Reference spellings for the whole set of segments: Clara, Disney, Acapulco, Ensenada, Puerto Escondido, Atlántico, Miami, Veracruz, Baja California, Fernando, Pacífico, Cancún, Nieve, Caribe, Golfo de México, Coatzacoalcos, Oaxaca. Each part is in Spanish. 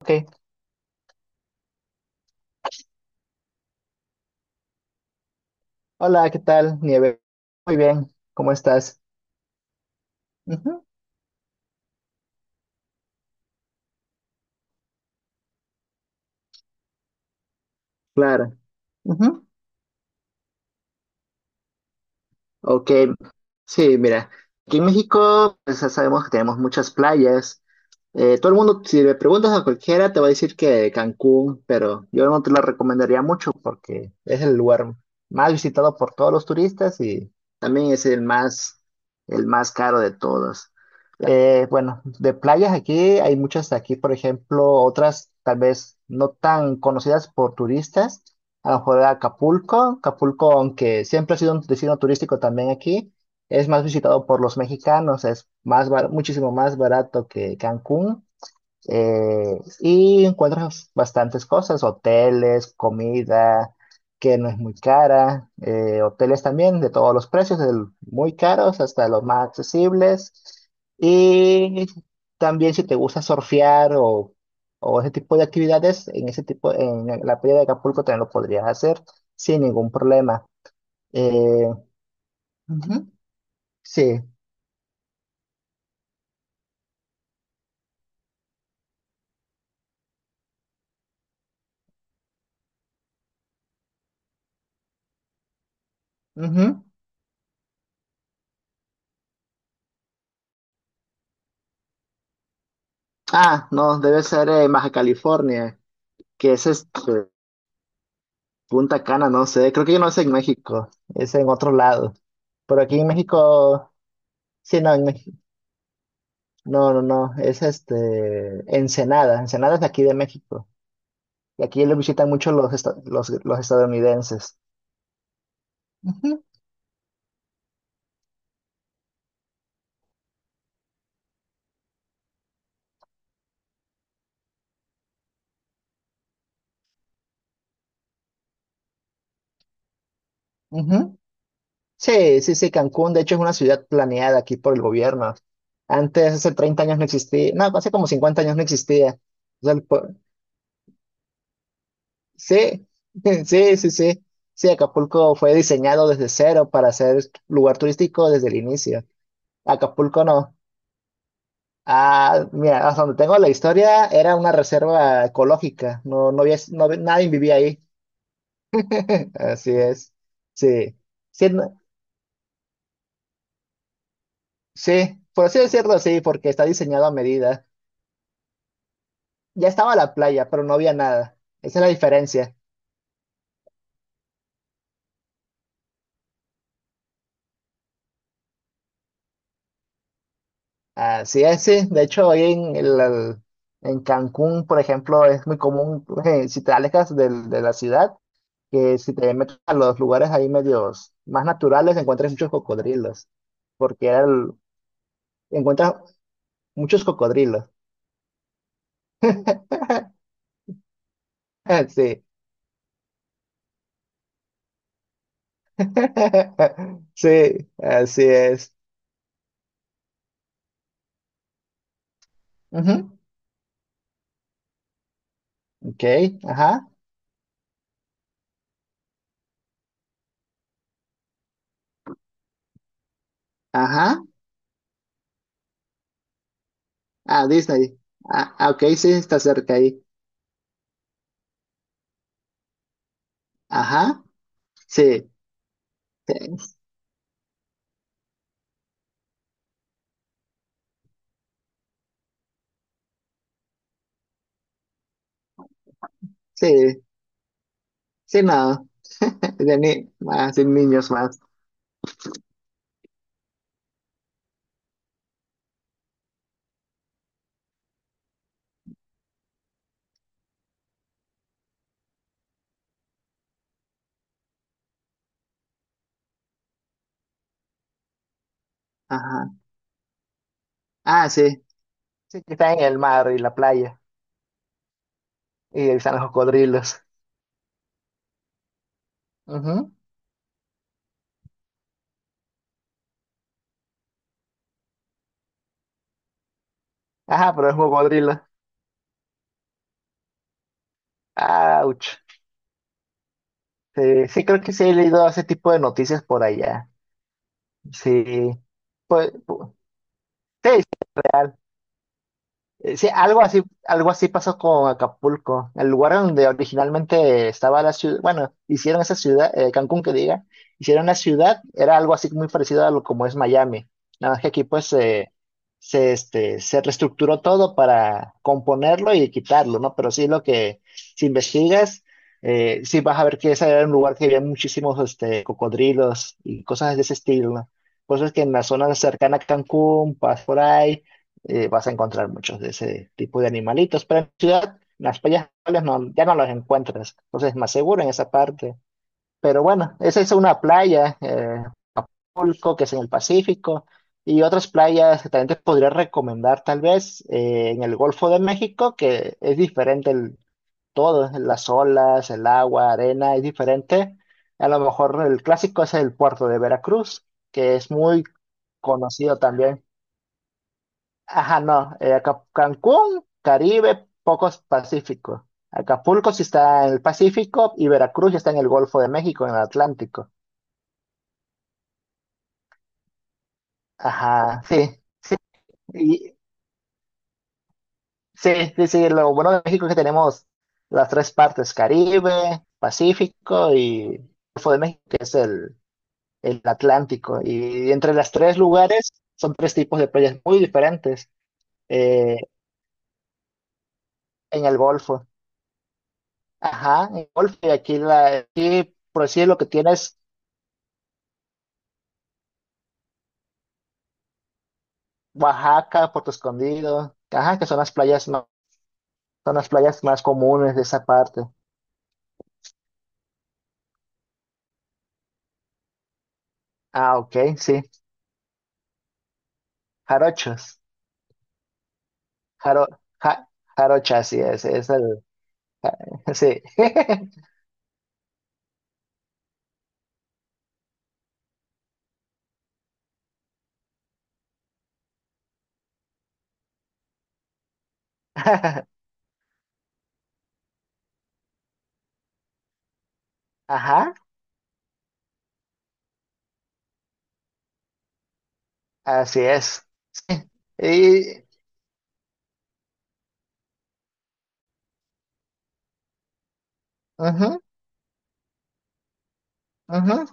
Ok. Hola, ¿qué tal, Nieve? Muy bien, ¿cómo estás? Ujú, claro. Ujú. Ok, sí, mira, aquí en México pues, ya sabemos que tenemos muchas playas. Todo el mundo, si le preguntas a cualquiera, te va a decir que Cancún, pero yo no te lo recomendaría mucho porque es el lugar más visitado por todos los turistas y también es el más caro de todos. Bueno, de playas aquí hay muchas aquí, por ejemplo, otras tal vez no tan conocidas por turistas. A lo mejor Acapulco, Acapulco, aunque siempre ha sido un destino turístico también aquí. Es más visitado por los mexicanos, es muchísimo más barato que Cancún. Y encuentras bastantes cosas, hoteles, comida que no es muy cara, hoteles también de todos los precios, del muy caros hasta los más accesibles. Y también si te gusta surfear o ese tipo de actividades, en ese tipo, en la playa de Acapulco también lo podrías hacer sin ningún problema. Eh, ujú, sí. Ujú. Ah, no, debe ser en Baja California, que es Punta Cana, no sé. Creo que yo no es en México, es en otro lado. Pero aquí en México, sí, no, en México, no, no, no, es Ensenada. Ensenada es de aquí de México. Y aquí lo visitan mucho los estadounidenses. Ujú, ujú. Sí, sí, sí, Cancún, de hecho, es una ciudad planeada aquí por el gobierno. Antes, hace 30 años no existía, no, hace como 50 años no existía. O sea, sí, sí, sí, sí. Sí, Acapulco fue diseñado desde cero para ser lugar turístico desde el inicio. Acapulco no. Ah, mira, hasta donde tengo la historia, era una reserva ecológica. No, nadie vivía ahí. Así es. Sí. Sí, sí, por así decirlo, sí, porque está diseñado a medida. Ya estaba la playa, pero no había nada. Esa es la diferencia. Así es, sí. De hecho, hoy en Cancún, por ejemplo, es muy común, si te alejas de la ciudad, que si te metes a los lugares ahí medios más naturales, encuentras muchos cocodrilos, porque era el- encuentras muchos cocodrilos. Sí, sí, así es. Ujú, ok, ajá, ajá. Ah, Disney. Ah, ah, ok, sí, está cerca ahí. Ajá, sí, sí, sí, sí, no. de ni- más, de niños más. Ajá. Ah, sí. Sí, que está en el mar y la playa. Y están los cocodrilos. Ujú. Ajá, pero es un cocodrilo. Ouch. Sí, sí, creo que sí he leído ese tipo de noticias por allá. Sí. Pues, sí. Sí, algo así pasó con Acapulco, el lugar donde originalmente estaba la ciudad, bueno, hicieron esa ciudad, Cancún que diga, hicieron la ciudad, era algo así muy parecido a lo como es Miami, nada más que aquí pues se reestructuró todo para componerlo y quitarlo, ¿no? Pero sí lo que, si investigas, sí vas a ver que ese era un lugar que había muchísimos cocodrilos y cosas de ese estilo, ¿no? Pues es que en la zona cercana a Cancún, vas por ahí vas a encontrar muchos de ese tipo de animalitos, pero en la ciudad en las playas no, ya no los encuentras, entonces es más seguro en esa parte. Pero bueno, esa es una playa, Acapulco, que es en el Pacífico, y otras playas que también te podría recomendar tal vez en el Golfo de México, que es diferente el todo, las olas, el agua, arena, es diferente. A lo mejor el clásico es el puerto de Veracruz, que es muy conocido también. Ajá, no. Cancún, Caribe, pocos Pacífico. Acapulco sí está en el Pacífico y Veracruz ya está en el Golfo de México, en el Atlántico. Ajá, sí. Y, sí, sí, sí. Lo bueno de México es que tenemos las tres partes, Caribe, Pacífico y Golfo de México, que es el Atlántico. Y entre los tres lugares son tres tipos de playas muy diferentes eh, en el Golfo. Ajá, en el Golfo y aquí por decir lo que tienes Oaxaca, Puerto Escondido, ajá, que son las playas más comunes de esa parte. Ah, ok, sí. Jarochos. Jaro, ja- jarocha, así es el, sí. Ajá, así es. Y, ujú, ujú.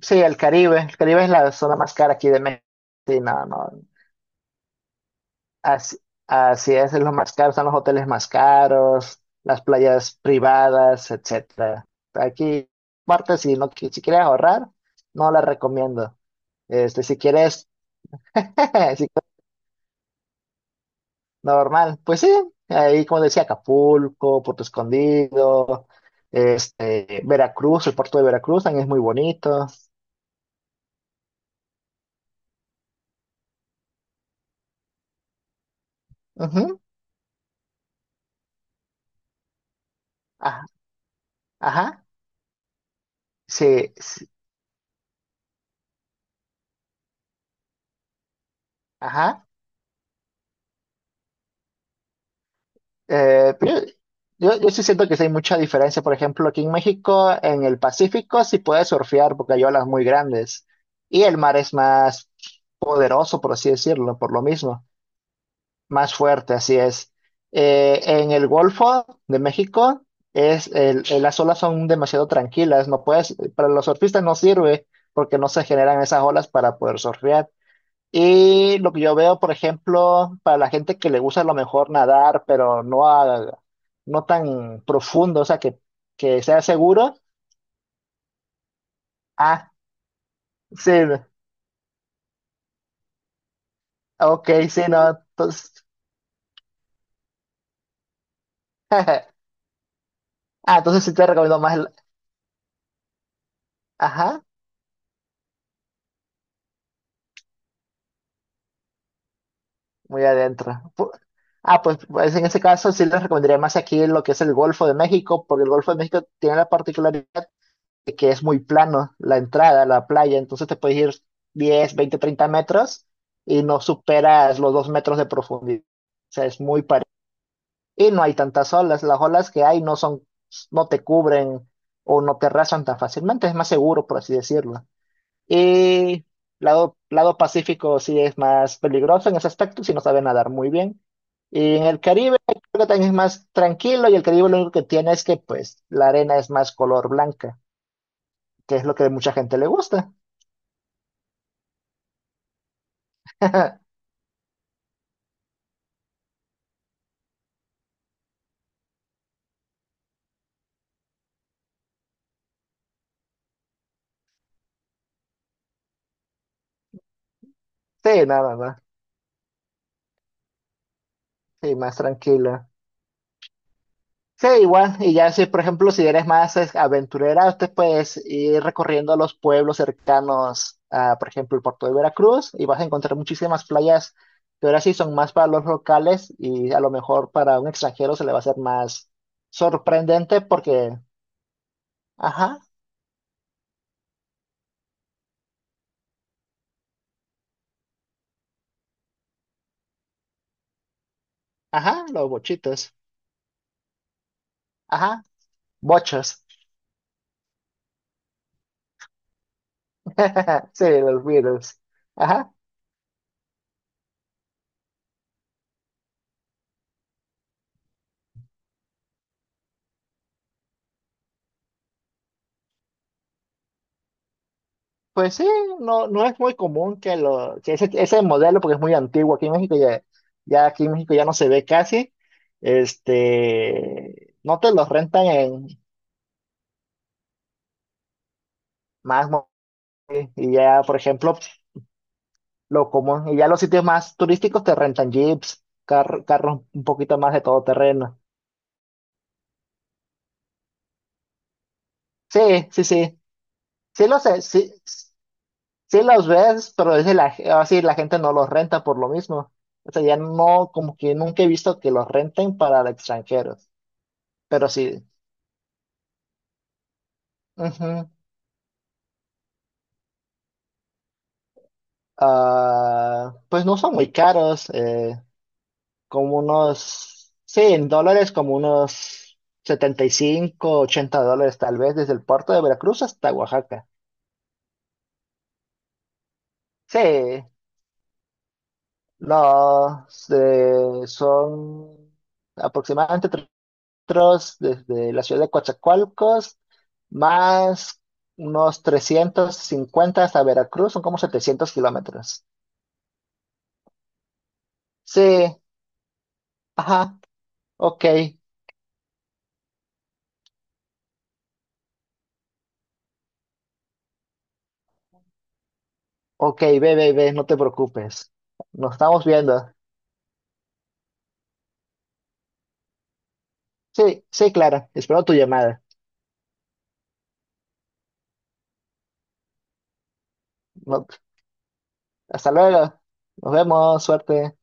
Sí, el Caribe es la zona más cara aquí de México. Sí, no, no. Así, así es, lo más caro, son los hoteles más caros, las playas privadas, etcétera. Aquí, parte, si quieres ahorrar, no la recomiendo. Si quieres, si normal, pues sí, ahí como decía, Acapulco, Puerto Escondido, Veracruz, el puerto de Veracruz también es muy bonito. Ujú. Ajá, ajá, sí, sí, ajá. Pero yo sí siento que sí hay mucha diferencia. Por ejemplo, aquí en México, en el Pacífico, sí puedes surfear porque hay olas muy grandes y el mar es más poderoso, por así decirlo, por lo mismo, más fuerte, así es. En el Golfo de México, las olas son demasiado tranquilas, no puedes, para los surfistas no sirve porque no se generan esas olas para poder surfear. Y lo que yo veo, por ejemplo, para la gente que le gusta a lo mejor nadar, pero no, no tan profundo, o sea, que sea seguro. Ah, sí, ok, sí, no. Entonces, ah, entonces sí te recomiendo más el... Ajá, muy adentro. Ah, pues en ese caso sí les recomendaría más aquí lo que es el Golfo de México, porque el Golfo de México tiene la particularidad que es muy plano la entrada a la playa, entonces te puedes ir 10, 20, 30 metros y no superas los 2 metros de profundidad. O sea, es muy parecido. Y no hay tantas olas, las olas que hay no son, no te cubren o no te rasan tan fácilmente, es más seguro, por así decirlo. Y lado Pacífico sí es más peligroso en ese aspecto, si no sabe nadar muy bien. Y en el Caribe creo que también es más tranquilo y el Caribe lo único que tiene es que pues la arena es más color blanca que es lo que a mucha gente le gusta. Sí, nada más. Sí, más tranquila. Sí, igual. Y ya si, por ejemplo, si eres más aventurera, usted puedes ir recorriendo los pueblos cercanos a, por ejemplo, el puerto de Veracruz y vas a encontrar muchísimas playas que ahora sí son más para los locales y a lo mejor para un extranjero se le va a hacer más sorprendente porque, ajá, ajá, los bochitos, ajá, bochos, sí, los virus, ajá. Pues sí, no, no es muy común que ese modelo, porque es muy antiguo aquí en México, ya, aquí en México ya no se ve casi, no te los rentan en más mo- y ya, por ejemplo, lo común, y ya los sitios más turísticos te rentan jeeps, carros un poquito más de todo terreno. Sí, sí, sí, sí los ves, pero es de la, así la gente no los renta por lo mismo. O sea, ya no, como que nunca he visto que los renten para extranjeros. Pero sí. Ujú. Ah, pues no son muy caros, como unos, sí, en dólares como unos 75-80 dólares tal vez desde el puerto de Veracruz hasta Oaxaca. Sí, los son aproximadamente 3 kilómetros desde la ciudad de Coatzacoalcos, más unos 350 hasta Veracruz, son como 700 kilómetros. Sí, ajá, ok. Ok, ve, ve, ve, no te preocupes. Nos estamos viendo. Sí, sí, Clara, espero tu llamada. No- hasta luego. Nos vemos, suerte.